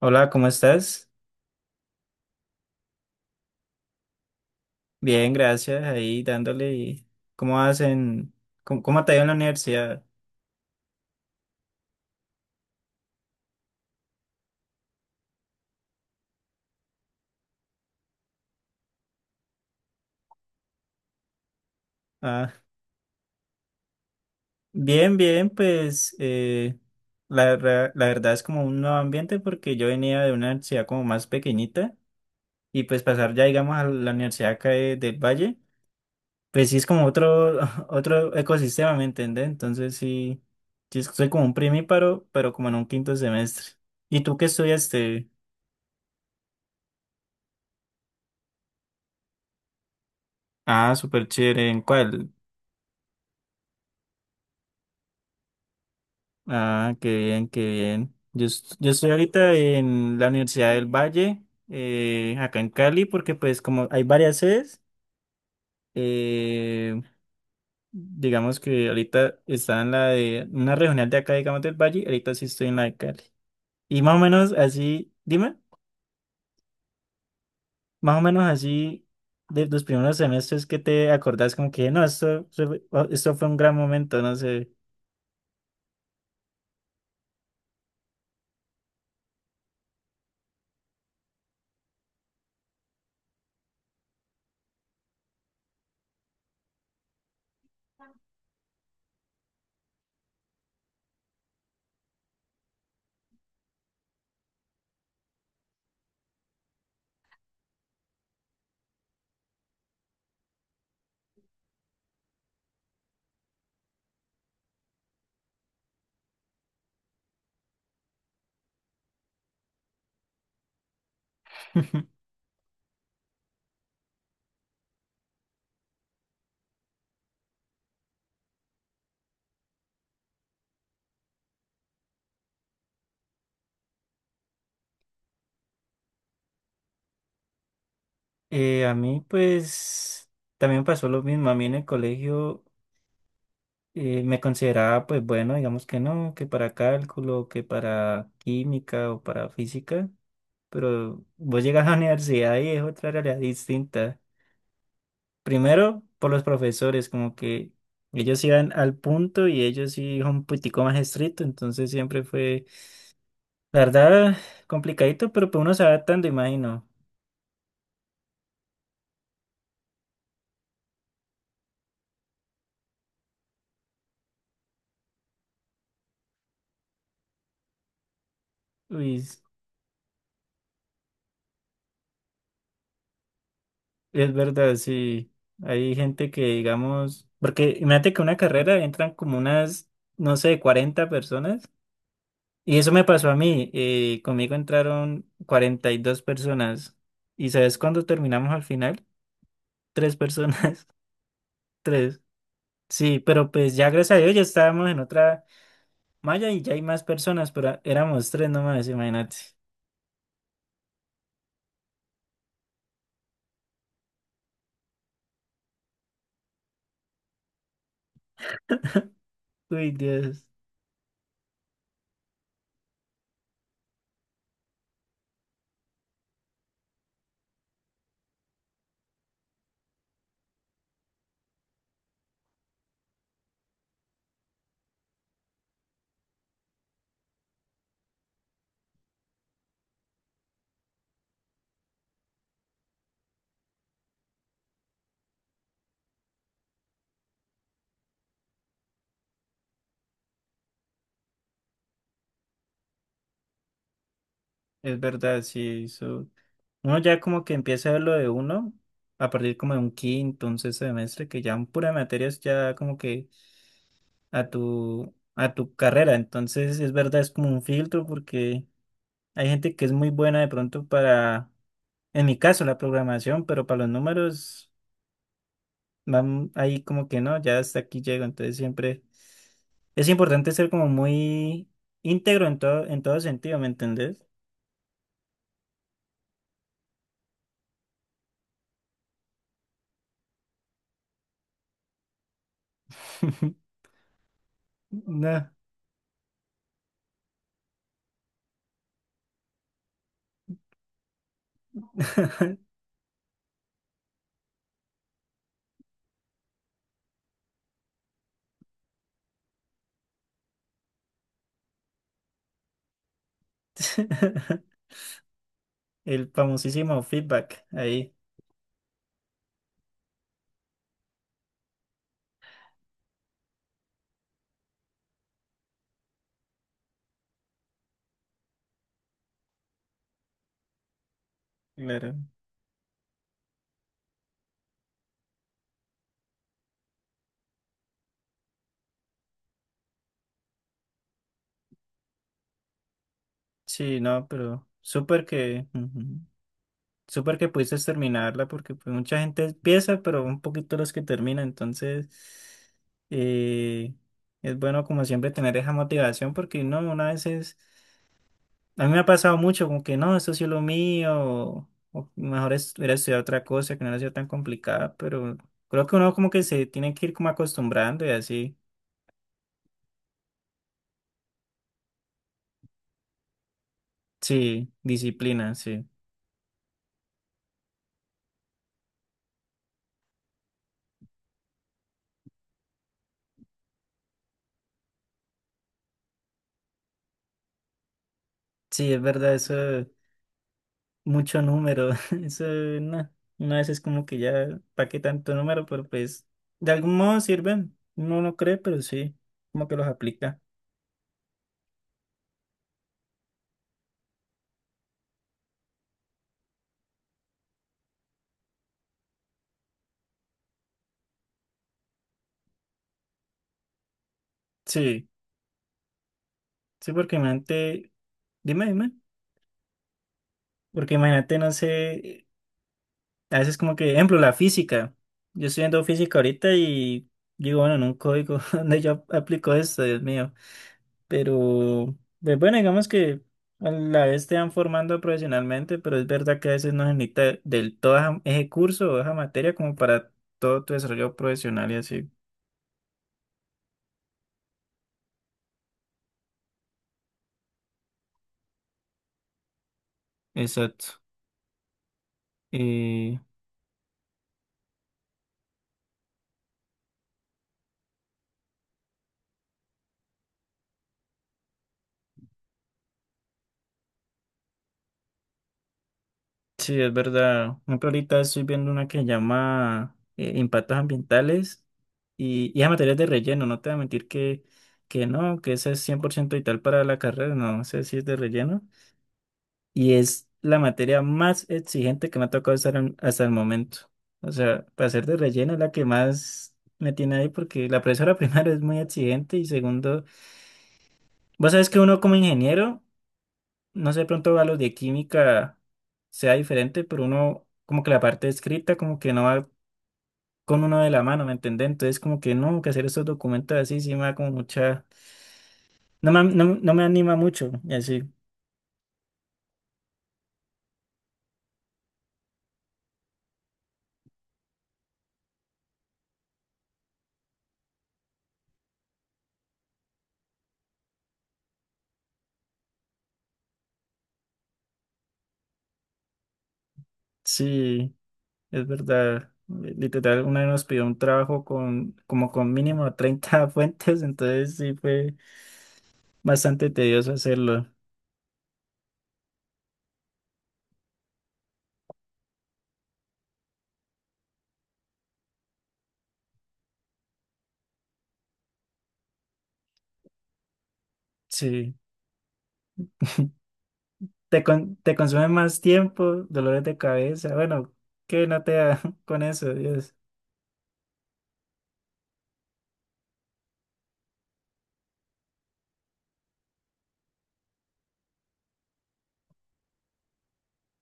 Hola, ¿cómo estás? Bien, gracias. Ahí dándole. ¿Cómo hacen? ¿Cómo te ha ido en la universidad? Ah, bien, bien, pues la, la verdad es como un nuevo ambiente porque yo venía de una universidad como más pequeñita y pues pasar ya, digamos, a la universidad acá del Valle, pues sí es como otro, otro ecosistema, ¿me entiendes? Entonces sí, sí soy como un primíparo, pero como en un quinto semestre. ¿Y tú qué estudiaste? Ah, súper chévere. ¿En cuál? Ah, qué bien, qué bien. Yo, yo estoy ahorita en la Universidad del Valle, acá en Cali, porque pues como hay varias sedes, eh, digamos que ahorita está en la de una regional de acá, digamos del Valle, ahorita sí estoy en la de Cali. Y más o menos así, dime, más o menos así de los primeros semestres que te acordás como que no, esto, oh, esto fue un gran momento, no sé. A mí pues también pasó lo mismo, a mí en el colegio. Me consideraba, pues bueno, digamos que no, que para cálculo, que para química o para física, pero vos llegas a la universidad y es otra realidad distinta. Primero, por los profesores, como que ellos iban al punto y ellos sí son un poquitico más estricto, entonces siempre fue, la verdad, complicadito, pero pues uno se va adaptando, imagino. Uy, es verdad, sí. Hay gente que, digamos, porque imagínate que una carrera entran como unas, no sé, 40 personas. Y eso me pasó a mí. Conmigo entraron 42 personas. ¿Y sabes cuándo terminamos al final? Tres personas. Tres. Sí, pero pues ya gracias a Dios ya estábamos en otra malla y ya hay más personas, pero éramos tres nomás, imagínate. Uy, Dios. Es verdad, sí. Eso. Uno ya como que empieza a ver lo de uno a partir como de un quinto, un sexto semestre, que ya en pura materias ya como que a tu carrera. Entonces, es verdad, es como un filtro porque... Hay gente que es muy buena de pronto para, en mi caso, la programación, pero para los números, van ahí como que no, ya hasta aquí llego. Entonces siempre es importante ser como muy íntegro en todo sentido, ¿me entendés? No. El famosísimo feedback ahí. Claro. Sí, no, pero súper que. Ujú. Súper que pudiste terminarla porque pues, mucha gente empieza, pero un poquito los que terminan. Entonces, eh, es bueno como siempre tener esa motivación porque no, una vez es... A mí me ha pasado mucho como que no, esto sí es lo mío, o mejor es, hubiera estudiado otra cosa que no era sido tan complicada, pero creo que uno como que se tiene que ir como acostumbrando y así. Sí, disciplina, sí. Sí, es verdad, eso. Mucho número. Eso, no, una vez es como que ya, ¿para qué tanto número? Pero pues, de algún modo sirven. No lo cree, pero sí, como que los aplica. Sí, sí, porque imagínate, dime, dime, porque imagínate, no sé. A veces como que, ejemplo, la física. Yo estoy viendo física ahorita y digo, bueno, en un código donde yo aplico esto, Dios mío. Pero, pues bueno, digamos que a la vez te van formando profesionalmente, pero es verdad que a veces no se necesita del todo ese curso o esa materia como para todo tu desarrollo profesional y así. Exacto. Eh, Sí, es verdad. Por ejemplo, ahorita estoy viendo una que llama Impactos Ambientales y a materias de relleno. No te voy a mentir que no, que esa es 100% vital para la carrera. No sé si es de relleno. Y es la materia más exigente que me ha tocado estar hasta el momento. O sea, para ser de relleno es la que más me tiene ahí porque la profesora primero es muy exigente y segundo, vos sabes que uno como ingeniero no sé, de pronto a los de química sea diferente, pero uno, como que la parte escrita, como que no va con uno de la mano, ¿me entiendes? Entonces, como que no, que hacer estos documentos así, sí me da como mucha, no me anima mucho, y así, sí, es verdad. Literal, una vez nos pidió un trabajo con, como con mínimo 30 fuentes, entonces sí fue bastante tedioso hacerlo, sí. Te consume más tiempo, dolores de cabeza, bueno, que no te da con eso, Dios.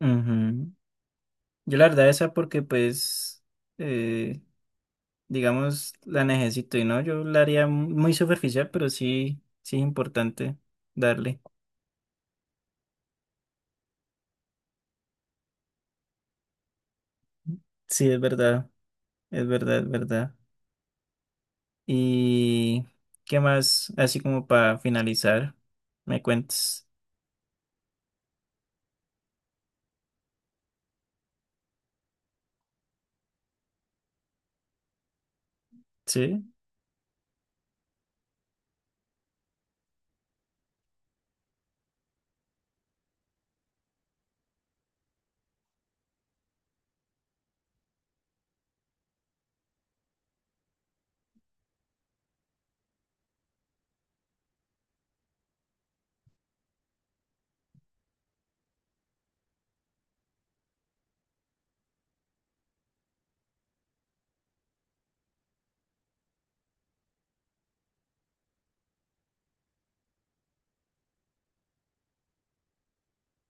Ujú. Yo la verdad esa porque pues, eh, digamos, la necesito y no, yo la haría muy superficial, pero sí, sí es importante darle. Sí, es verdad, es verdad, es verdad. ¿Y qué más? Así como para finalizar, me cuentes. Sí,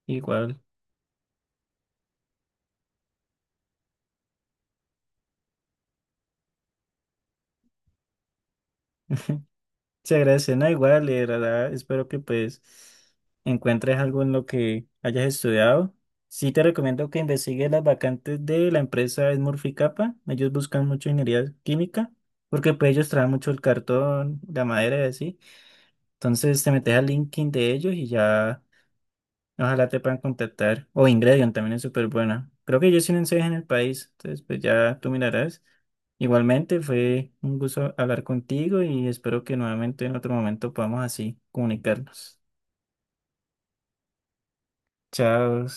igual. Se agradece, no igual, y de verdad, espero que pues encuentres algo en lo que hayas estudiado. Sí te recomiendo que investigues las vacantes de la empresa Smurfy Kappa. Ellos buscan mucho ingeniería química, porque pues ellos traen mucho el cartón, la madera y así. Entonces te metes al LinkedIn de ellos y ya ojalá te puedan contactar. O Ingredient también es súper buena. Creo que yo sí en el país. Entonces, pues ya tú mirarás. Igualmente, fue un gusto hablar contigo y espero que nuevamente en otro momento podamos así comunicarnos. Chao.